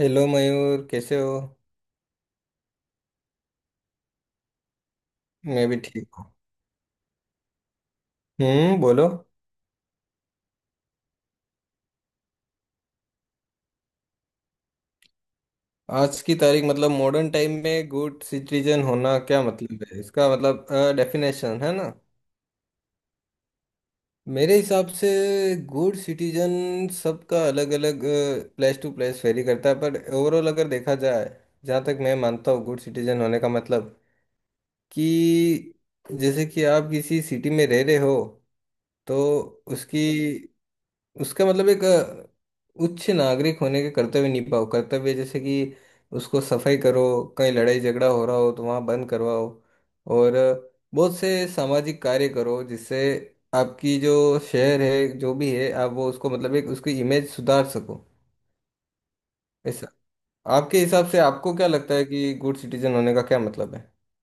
Hello Mayur, कैसे हो? मैं भी ठीक हूँ। हम्म, बोलो। आज की तारीख, मतलब मॉडर्न टाइम में गुड सिटीजन होना, क्या मतलब है इसका? मतलब डेफिनेशन, है ना? मेरे हिसाब से गुड सिटीजन सबका अलग अलग, प्लेस टू प्लेस वेरी करता है। पर ओवरऑल अगर देखा जाए, जहाँ तक मैं मानता हूँ, गुड सिटीजन होने का मतलब कि जैसे कि आप किसी सिटी में रह रहे हो, तो उसकी, उसका मतलब एक उच्च नागरिक होने के कर्तव्य निभाओ। कर्तव्य, जैसे कि उसको सफाई करो, कहीं लड़ाई झगड़ा हो रहा हो तो वहाँ बंद करवाओ, और बहुत से सामाजिक कार्य करो, जिससे आपकी जो शहर है जो भी है, आप वो उसको, मतलब एक उसकी इमेज सुधार सको, ऐसा। आपके हिसाब से आपको क्या लगता है कि गुड सिटीजन होने का क्या मतलब है?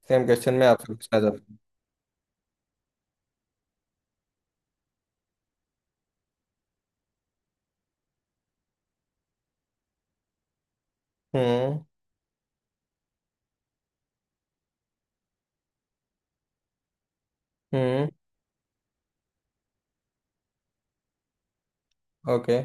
सेम क्वेश्चन मैं आपसे पूछना चाहता हूँ। हम्म, हम्म। ओके।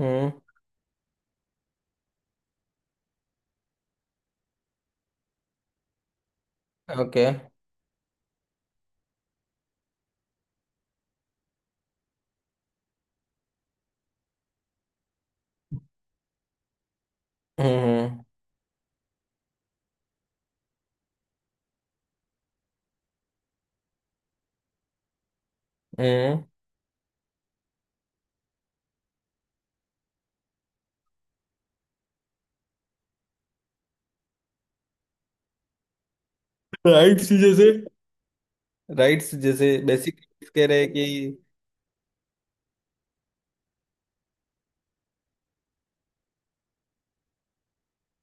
हम्म। ओके। हम्म, हम्म। राइट चीजें। राइट्स जैसे बेसिक, कह रहे हैं कि।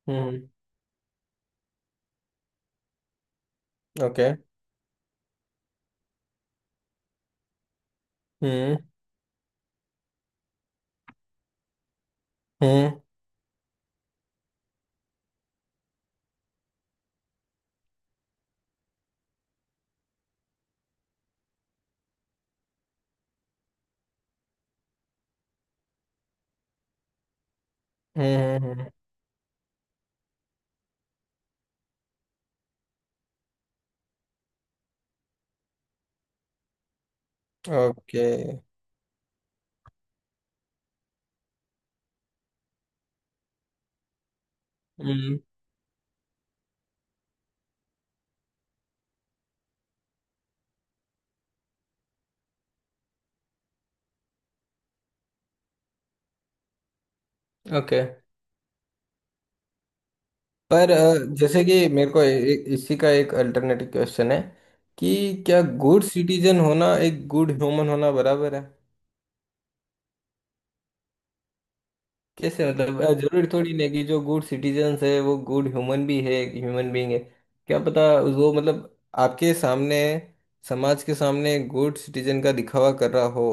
हम्म। ओके। हम्म, हम्म, हम्म। ओके। हम्म। ओके। पर जैसे कि मेरे को इसी का एक अल्टरनेटिव क्वेश्चन है कि क्या गुड सिटीजन होना एक गुड ह्यूमन होना बराबर है? कैसे मतलब? जरूरी थोड़ी ना कि जो गुड सिटीजन्स है वो गुड ह्यूमन भी है, ह्यूमन बीइंग है। क्या पता, वो मतलब आपके सामने, समाज के सामने गुड सिटीजन का दिखावा कर रहा हो,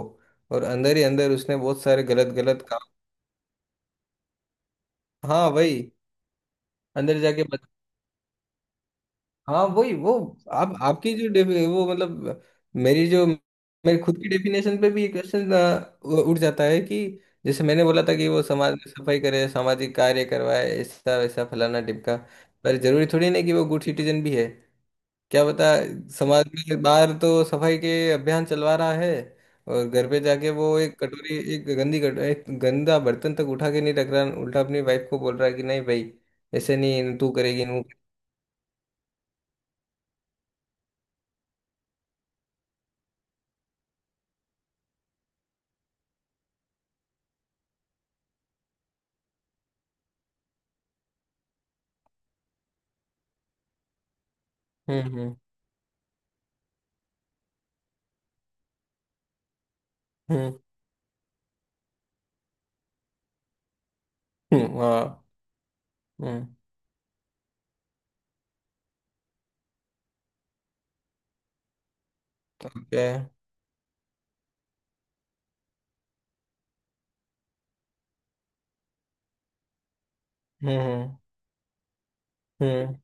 और अंदर ही अंदर उसने बहुत सारे गलत गलत काम। हाँ वही। अंदर जाके, हाँ वही वो। आप आपकी जो वो मतलब मेरी जो मेरे खुद की डेफिनेशन पे भी ये क्वेश्चन उठ जाता है कि जैसे मैंने बोला था कि वो समाज में सफाई करे, सामाजिक कार्य करवाए, ऐसा वैसा फलाना टिपका। पर जरूरी थोड़ी नहीं कि वो गुड सिटीजन भी है, क्या बता। समाज में बाहर तो सफाई के अभियान चलवा रहा है, और घर पे जाके वो एक कटोरी, एक गंदी कट एक गंदा बर्तन तक उठा के नहीं रख रहा, उल्टा अपनी वाइफ को बोल रहा है कि नहीं भाई, ऐसे नहीं, तू करेगी नू। हम्म, हम्म, हम्म, हाँ, हम्म। ओके। हम्म, हम्म, हम्म।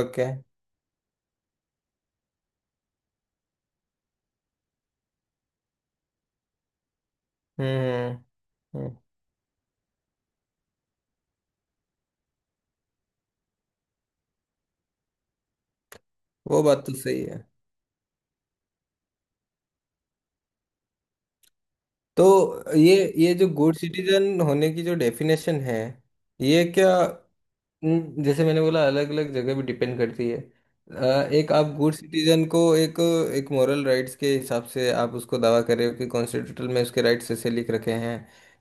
ओके। हम्म, हम्म। वो बात तो सही है। तो ये जो गुड सिटीजन होने की जो डेफिनेशन है, ये क्या? जैसे मैंने बोला अलग अलग जगह भी डिपेंड करती है। एक आप गुड सिटीजन को एक, एक मॉरल राइट्स के हिसाब से आप उसको दावा कर रहे हो कि कॉन्स्टिट्यूशन में उसके राइट्स ऐसे लिख रखे हैं।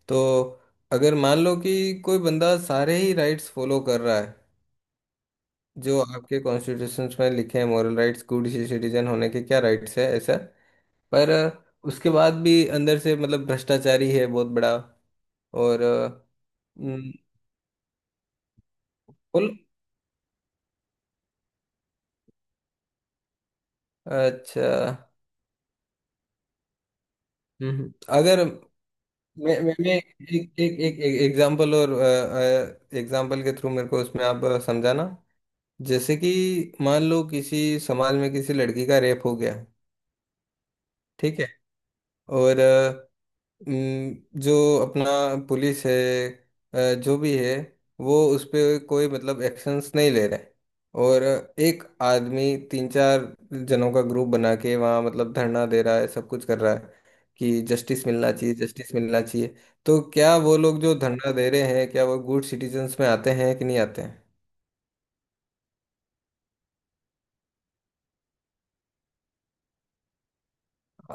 तो अगर मान लो कि कोई बंदा सारे ही राइट्स फॉलो कर रहा है जो आपके कॉन्स्टिट्यूशन में लिखे हैं, मॉरल राइट्स, गुड सिटीजन होने के क्या राइट्स है, ऐसा। पर उसके बाद भी अंदर से मतलब भ्रष्टाचारी है बहुत बड़ा, और हम्म, बोल। अच्छा। हम्म। अगर मैं एक एक एक एग्जांपल और, एग्जांपल के थ्रू मेरे को उसमें आप समझाना। जैसे कि मान लो किसी समाज में किसी लड़की का रेप हो गया, ठीक है। और जो अपना पुलिस है, जो भी है, वो उस पे कोई मतलब एक्शंस नहीं ले रहे। और एक आदमी तीन चार जनों का ग्रुप बना के वहाँ मतलब धरना दे रहा है, सब कुछ कर रहा है कि जस्टिस मिलना चाहिए, जस्टिस मिलना चाहिए। तो क्या वो लोग जो धरना दे रहे हैं, क्या वो गुड सिटीजन्स में आते हैं कि नहीं आते हैं?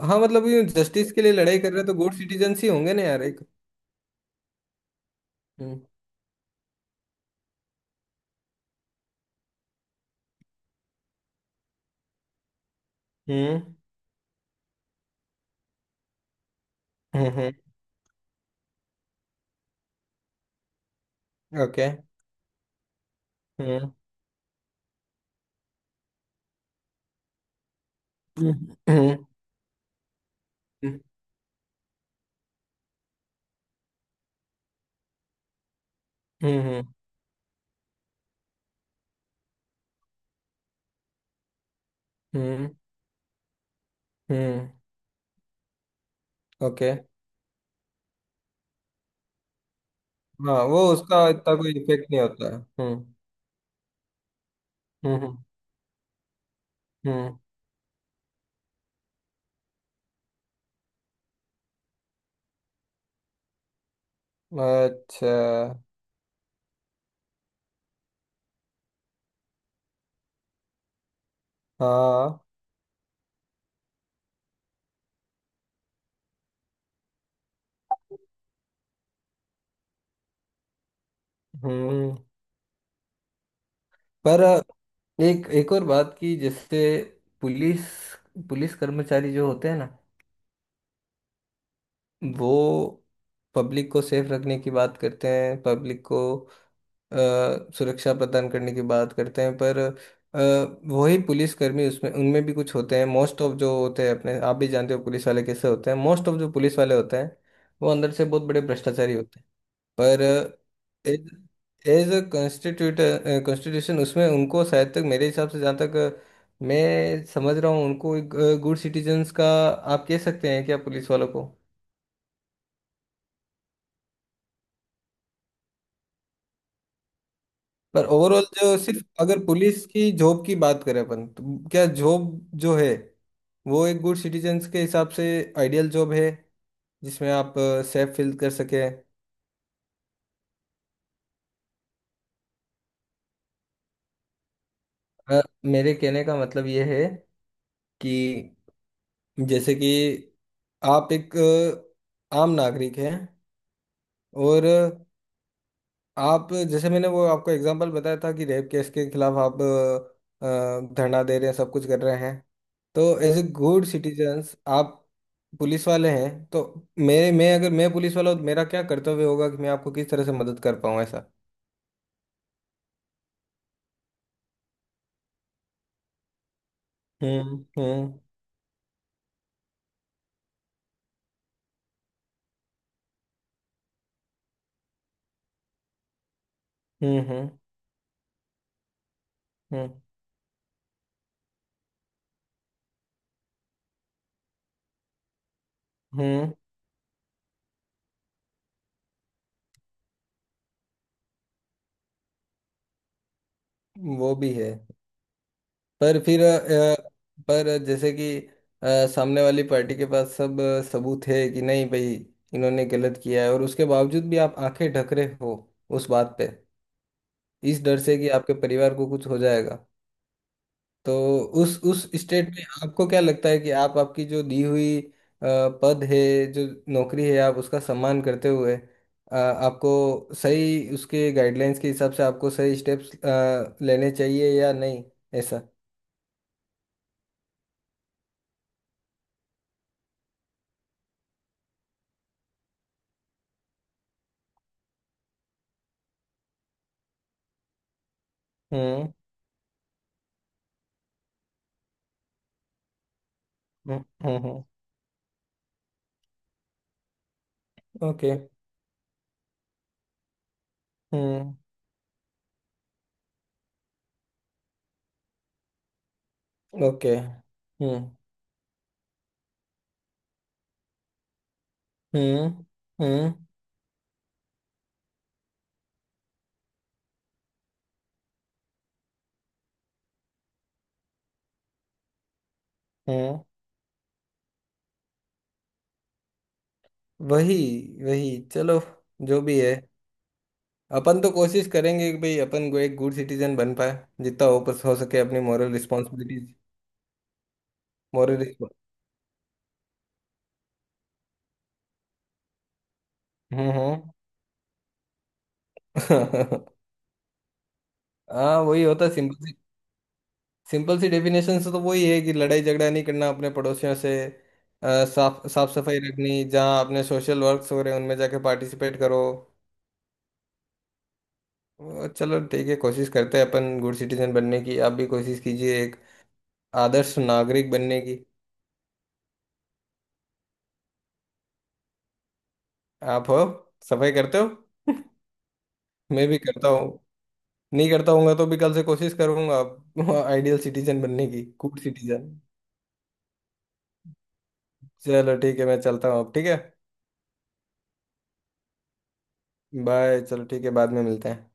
हाँ मतलब ये जस्टिस के लिए लड़ाई कर रहे हैं, तो गुड सिटीजन्स ही होंगे ना यार, एक। हम्म, हम्म, हम्म। ओके। हम्म। okay, हम्म, हम्म, हम्म, हम्म, हम्म, हम्म, हम्म। ओके। हाँ, वो उसका इतना कोई इफेक्ट नहीं होता है। हम्म, हम्म, हम्म। अच्छा। हाँ, हम्म। पर एक, एक और बात की, जैसे पुलिस पुलिस कर्मचारी जो होते हैं ना, वो पब्लिक को सेफ रखने की बात करते हैं, पब्लिक को अ, सुरक्षा प्रदान करने की बात करते हैं, पर वही पुलिसकर्मी उसमें, उनमें भी कुछ होते हैं, मोस्ट ऑफ जो होते हैं, अपने आप भी जानते हो पुलिस वाले कैसे होते हैं, मोस्ट ऑफ जो पुलिस वाले होते हैं, वो अंदर से बहुत बड़े भ्रष्टाचारी होते हैं। पर एज एज अ कॉन्स्टिट्यूट कॉन्स्टिट्यूशन उसमें उनको, शायद तक मेरे हिसाब से, जहाँ तक मैं समझ रहा हूँ, उनको एक गुड सिटीजन्स का आप कह सकते हैं क्या, पुलिस वालों को? पर ओवरऑल जो सिर्फ अगर पुलिस की जॉब की बात करें अपन, तो क्या जॉब जो है, वो एक गुड सिटीजन्स के हिसाब से आइडियल जॉब है, जिसमें आप सेफ फील कर सके। मेरे कहने का मतलब ये है कि जैसे कि आप एक आम नागरिक हैं, और आप जैसे मैंने वो आपको एग्जांपल बताया था कि रेप केस के खिलाफ आप धरना दे रहे हैं, सब कुछ कर रहे हैं, तो एज ए गुड सिटीजन्स आप पुलिस वाले हैं, तो मेरे मैं अगर मैं पुलिस वाला हूँ तो मेरा क्या कर्तव्य होगा कि मैं आपको किस तरह से मदद कर पाऊँ, ऐसा। हम्म, हम्म, हम्म, हम्म, हम्म, हम्म। वो भी है, पर फिर अ, पर जैसे कि सामने वाली पार्टी के पास सब सबूत है कि नहीं भाई, इन्होंने गलत किया है, और उसके बावजूद भी आप आंखें ढक रहे हो उस बात पे, इस डर से कि आपके परिवार को कुछ हो जाएगा। तो उस स्टेट में आपको क्या लगता है कि आप आपकी जो दी हुई पद है, जो नौकरी है, आप उसका सम्मान करते हुए आपको सही उसके गाइडलाइंस के हिसाब से आपको सही स्टेप्स लेने चाहिए या नहीं, ऐसा? हम्म, हम्म, हम्म, ओके। हम्म। ओके। हम्म, हम्म, हम्म, हम्म। वही, वही, चलो। जो भी है अपन तो कोशिश करेंगे कि भाई अपन को एक गुड सिटीजन बन पाए, जितना हो बस हो सके अपनी मॉरल रिस्पॉन्सिबिलिटीज, मॉरल। हम्म, हम्म। हाँ वही होता, सिंपल सी। सिंपल सी डेफिनेशन से तो वही है कि लड़ाई झगड़ा नहीं करना अपने पड़ोसियों से, साफ साफ सफाई रखनी, जहाँ अपने सोशल वर्क्स हो रहे हैं उनमें जाके पार्टिसिपेट करो। वो चलो ठीक है, कोशिश करते हैं अपन गुड सिटीजन बनने की, आप भी कोशिश कीजिए एक आदर्श नागरिक बनने की। आप हो, सफाई करते हो। मैं भी करता हूँ, नहीं करता हूँगा तो भी कल से कोशिश करूंगा, आप आइडियल सिटीजन बनने की, गुड सिटीजन। चलो ठीक है मैं चलता हूँ अब, ठीक है। बाय, चलो ठीक है, बाद में मिलते हैं।